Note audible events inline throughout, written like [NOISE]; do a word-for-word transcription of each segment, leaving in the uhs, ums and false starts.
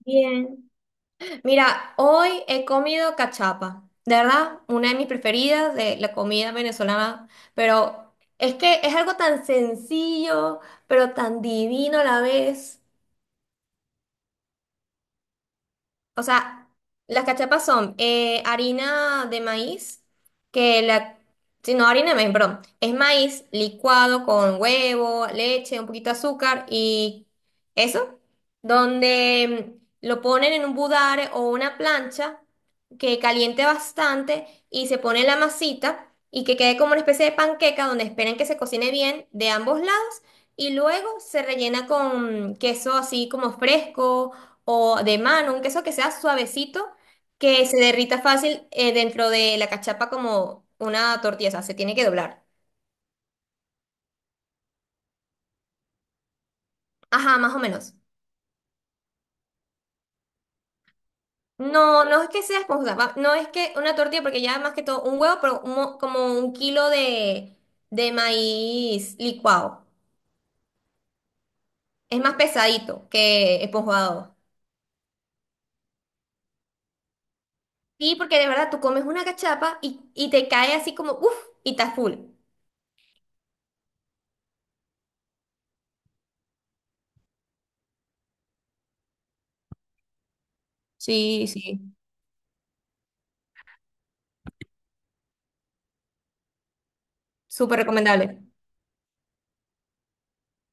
Bien. Mira, hoy he comido cachapa, de verdad, una de mis preferidas de la comida venezolana, pero es que es algo tan sencillo, pero tan divino a la vez. O sea, las cachapas son eh, harina de maíz, que la... Sí, no, harina de maíz, perdón. Es maíz licuado con huevo, leche, un poquito de azúcar y eso, donde mm, lo ponen en un budare o una plancha que caliente bastante y se pone la masita y que quede como una especie de panqueca donde esperan que se cocine bien de ambos lados y luego se rellena con queso así como fresco o de mano, un queso que sea suavecito, que se derrita fácil eh, dentro de la cachapa como una tortilla, o sea, se tiene que doblar. Ajá, más o menos. No, no es que sea esponjosa, va- no es que una tortilla, porque ya más que todo un huevo, pero un mo- como un kilo de, de maíz licuado. Es más pesadito que esponjado. Sí, porque de verdad tú comes una cachapa y, y te cae así como, uff, y está full. Sí, sí, súper recomendable.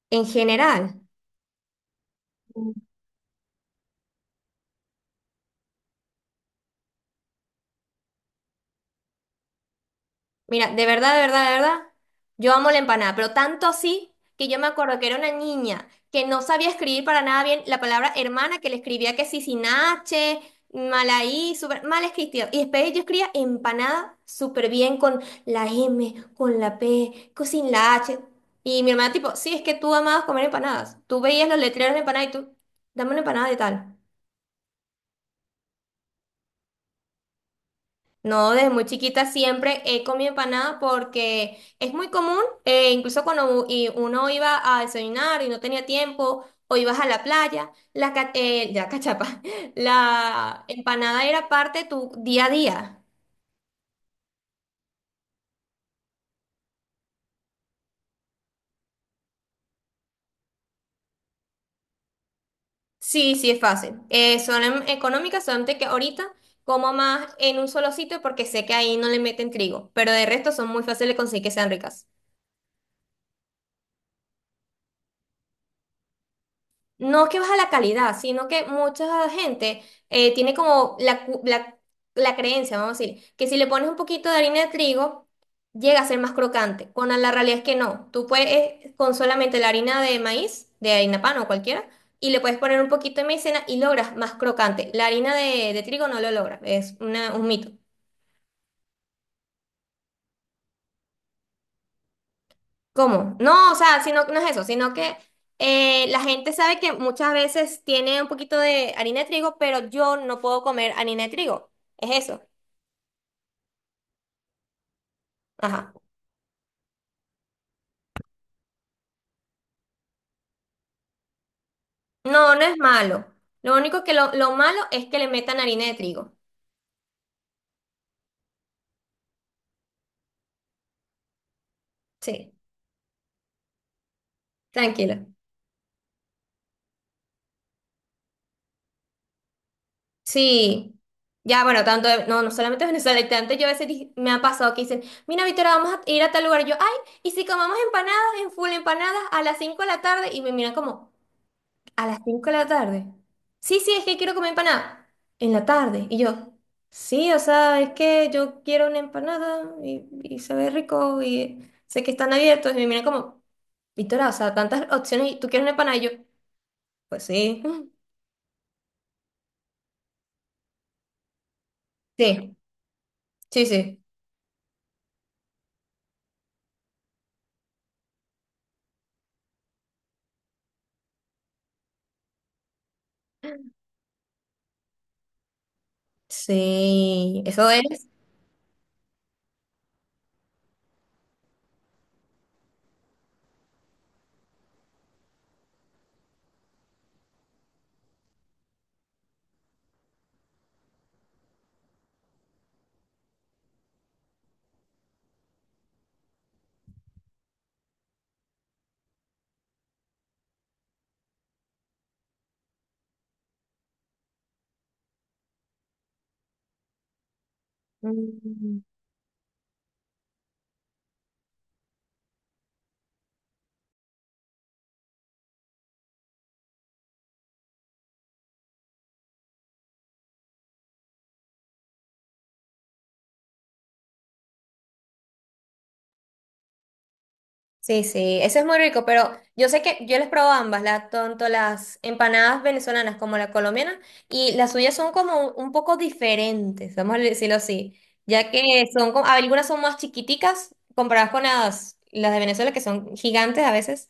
En general. Mira, de verdad, de verdad, de verdad, yo amo la empanada, pero tanto así que yo me acuerdo que era una niña que no sabía escribir para nada bien la palabra hermana, que le escribía que sí sin H, mal ahí, súper mal escrito. Y después yo escribía empanada súper bien con la M, con la P, con sin la H. Y mi hermana tipo, sí, es que tú amabas comer empanadas. Tú veías los letreros de empanada y tú, dame una empanada de tal. No, desde muy chiquita siempre he comido empanada porque es muy común, eh, incluso cuando u- y uno iba a desayunar y no tenía tiempo, o ibas a la playa, la, ca- eh, la cachapa, [LAUGHS] la empanada era parte de tu día a día. Sí, sí, es fácil. Eh, son em- económicas, solamente que ahorita como más en un solo sitio porque sé que ahí no le meten trigo, pero de resto son muy fáciles de conseguir que sean ricas. No que baja la calidad, sino que mucha gente eh, tiene como la, cu- la, la creencia, vamos a decir, que si le pones un poquito de harina de trigo, llega a ser más crocante. Cuando la realidad es que no. Tú puedes eh, con solamente la harina de maíz, de harina pan o cualquiera, y le puedes poner un poquito de maicena y logras más crocante. La harina de, de trigo no lo logra, es una- un mito. ¿Cómo? No, o sea, sino, no es eso, sino que eh, la gente sabe que muchas veces tiene un poquito de harina de trigo, pero yo no puedo comer harina de trigo. Es eso. Ajá. No, no es malo. Lo único que lo, lo malo es que le metan harina de trigo. Sí, tranquilo. Sí. Ya, bueno, tanto, no, no solamente [LAUGHS] Venezuela, tanto yo a veces di- me ha pasado que dicen, mira, Victoria, vamos a ir a tal lugar. Y yo, ay, ¿y si comamos empanadas en full empanadas a las cinco de la tarde? Y me miran como... A las cinco de la tarde. Sí, sí, es que quiero comer empanada. En la tarde. Y yo, sí, o sea, es que yo quiero una empanada y, y se ve rico y sé que están abiertos. Y me miran como, Victoria, o sea, tantas opciones y tú quieres una empanada. Y yo, pues sí. Sí, sí, sí. Sí, eso es. Sí, sí, ese es muy rico, pero yo sé que yo les probo ambas, la, tanto las empanadas venezolanas como la colombiana, y las suyas son como un poco diferentes, vamos a decirlo así, ya que son como, algunas son más chiquiticas comparadas con las, las de Venezuela, que son gigantes a veces.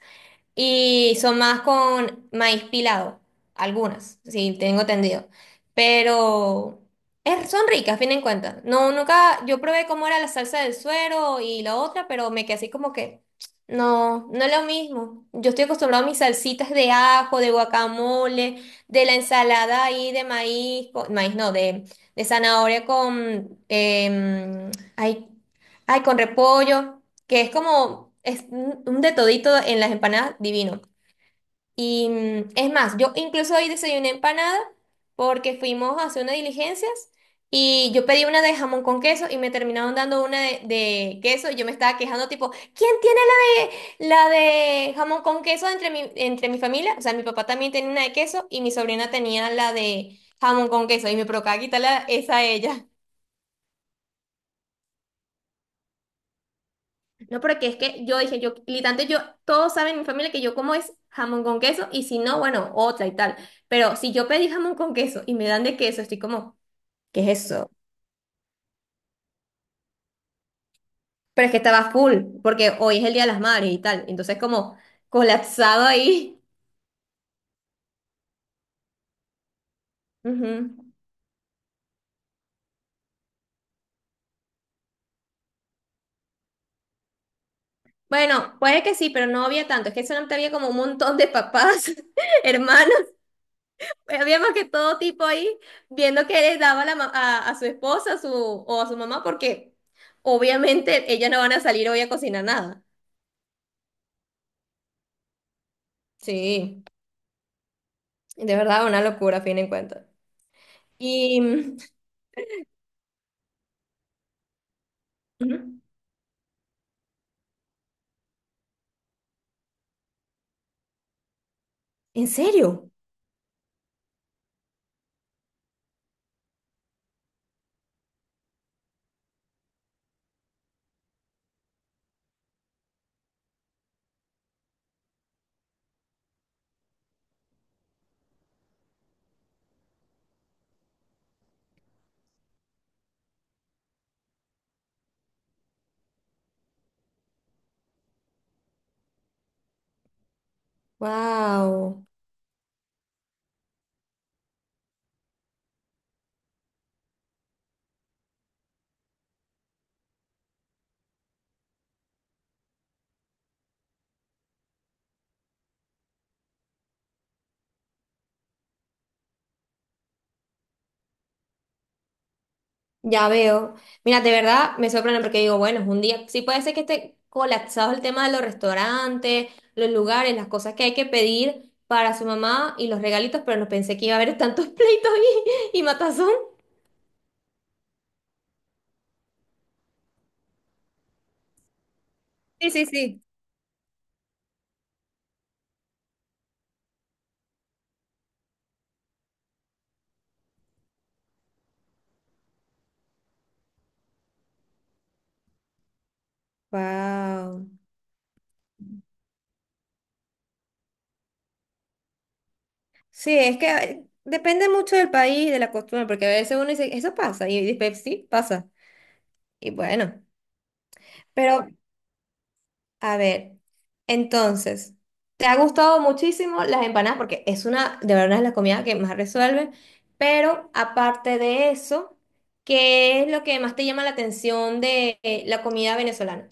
Y son más con maíz pilado, algunas, sí, tengo entendido. Pero es- son ricas, a fin de cuentas. No, nunca, yo probé cómo era la salsa del suero y la otra, pero me quedé así como que, no, no es lo mismo. Yo estoy acostumbrado a mis salsitas de ajo, de guacamole, de la ensalada ahí de maíz, con- maíz no, de, de zanahoria con, em, ay, ay, con repollo que es como es un un de todito en las empanadas divino. Y mm, es más, yo incluso hoy desayuné empanada porque fuimos a hacer unas diligencias y yo pedí una de jamón con queso y me terminaron dando una de, de queso y yo me estaba quejando tipo, ¿quién tiene la de, la de jamón con queso entre mi, entre mi familia? O sea, mi papá también tenía una de queso y mi sobrina tenía la de jamón con queso y me provocaba quitarla esa a ella. No, porque es que yo dije, yo, literalmente yo, todos saben en mi familia que yo como es jamón con queso y si no, bueno, otra y tal. Pero si yo pedí jamón con queso y me dan de queso, estoy como, ¿qué es eso? Pero es que estaba full, porque hoy es el Día de las Madres y tal. Entonces como colapsado ahí. Ujú. Bueno, puede que sí, pero no había tanto. Es que solamente había como un montón de papás, [LAUGHS] hermanos. Habíamos que todo tipo ahí viendo que les daba la ma- a, a su esposa su, o a su mamá, porque obviamente ellas no van a salir hoy a cocinar nada. Sí, de verdad, una locura, a fin de cuentas. Y. Ujú. ¿En serio? ¡Wow! Ya veo. Mira, de verdad me sorprende porque digo, bueno, es un día. Sí, puede ser que esté colapsado el tema de los restaurantes, los lugares, las cosas que hay que pedir para su mamá y los regalitos, pero no pensé que iba a haber tantos [LAUGHS] pleitos y, y matazón. Sí, sí, sí. Wow. Sí, es que eh, depende mucho del país, de la costumbre, porque a veces uno dice, eso pasa, y después sí, pasa. Y bueno, pero a ver, entonces, ¿te ha gustado muchísimo las empanadas? Porque es una, de verdad, es la comida que más resuelve, pero aparte de eso, ¿qué es lo que más te llama la atención de eh, la comida venezolana?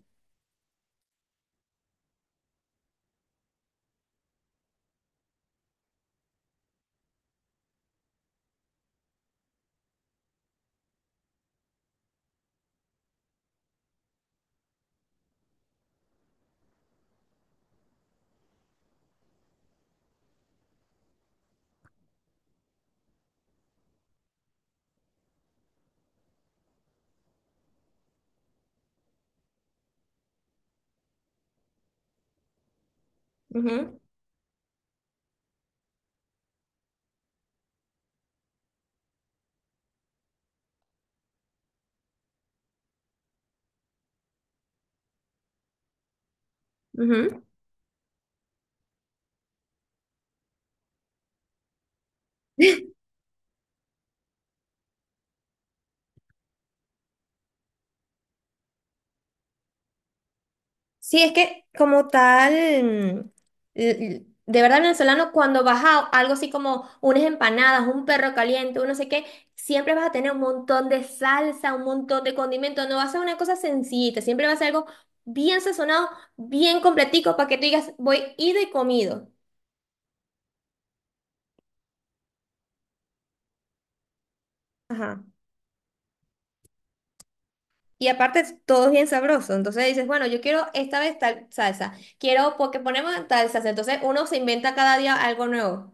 Ujú, ujú. [LAUGHS] Sí, es que como tal, mm, l- de verdad venezolano, cuando vas a algo así como unas empanadas, un perro caliente, un no sé qué, siempre vas a tener un montón de salsa, un montón de condimentos, no va a ser una cosa sencillita, siempre va a ser algo bien sazonado, bien completico, para que tú digas, voy ido y comido. Ajá. Y aparte todo es bien sabroso, entonces dices, bueno, yo quiero esta vez tal salsa, quiero porque ponemos tal salsa, entonces uno se inventa cada día algo nuevo.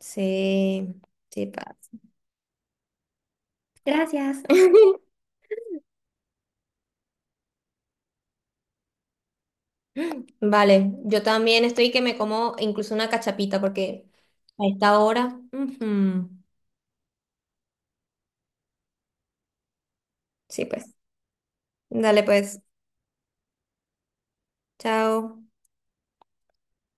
Sí, sí, pa. Gracias. [LAUGHS] Vale, yo también estoy que me como incluso una cachapita porque a esta hora. Ujú. Sí, pues. Dale, pues. Chao.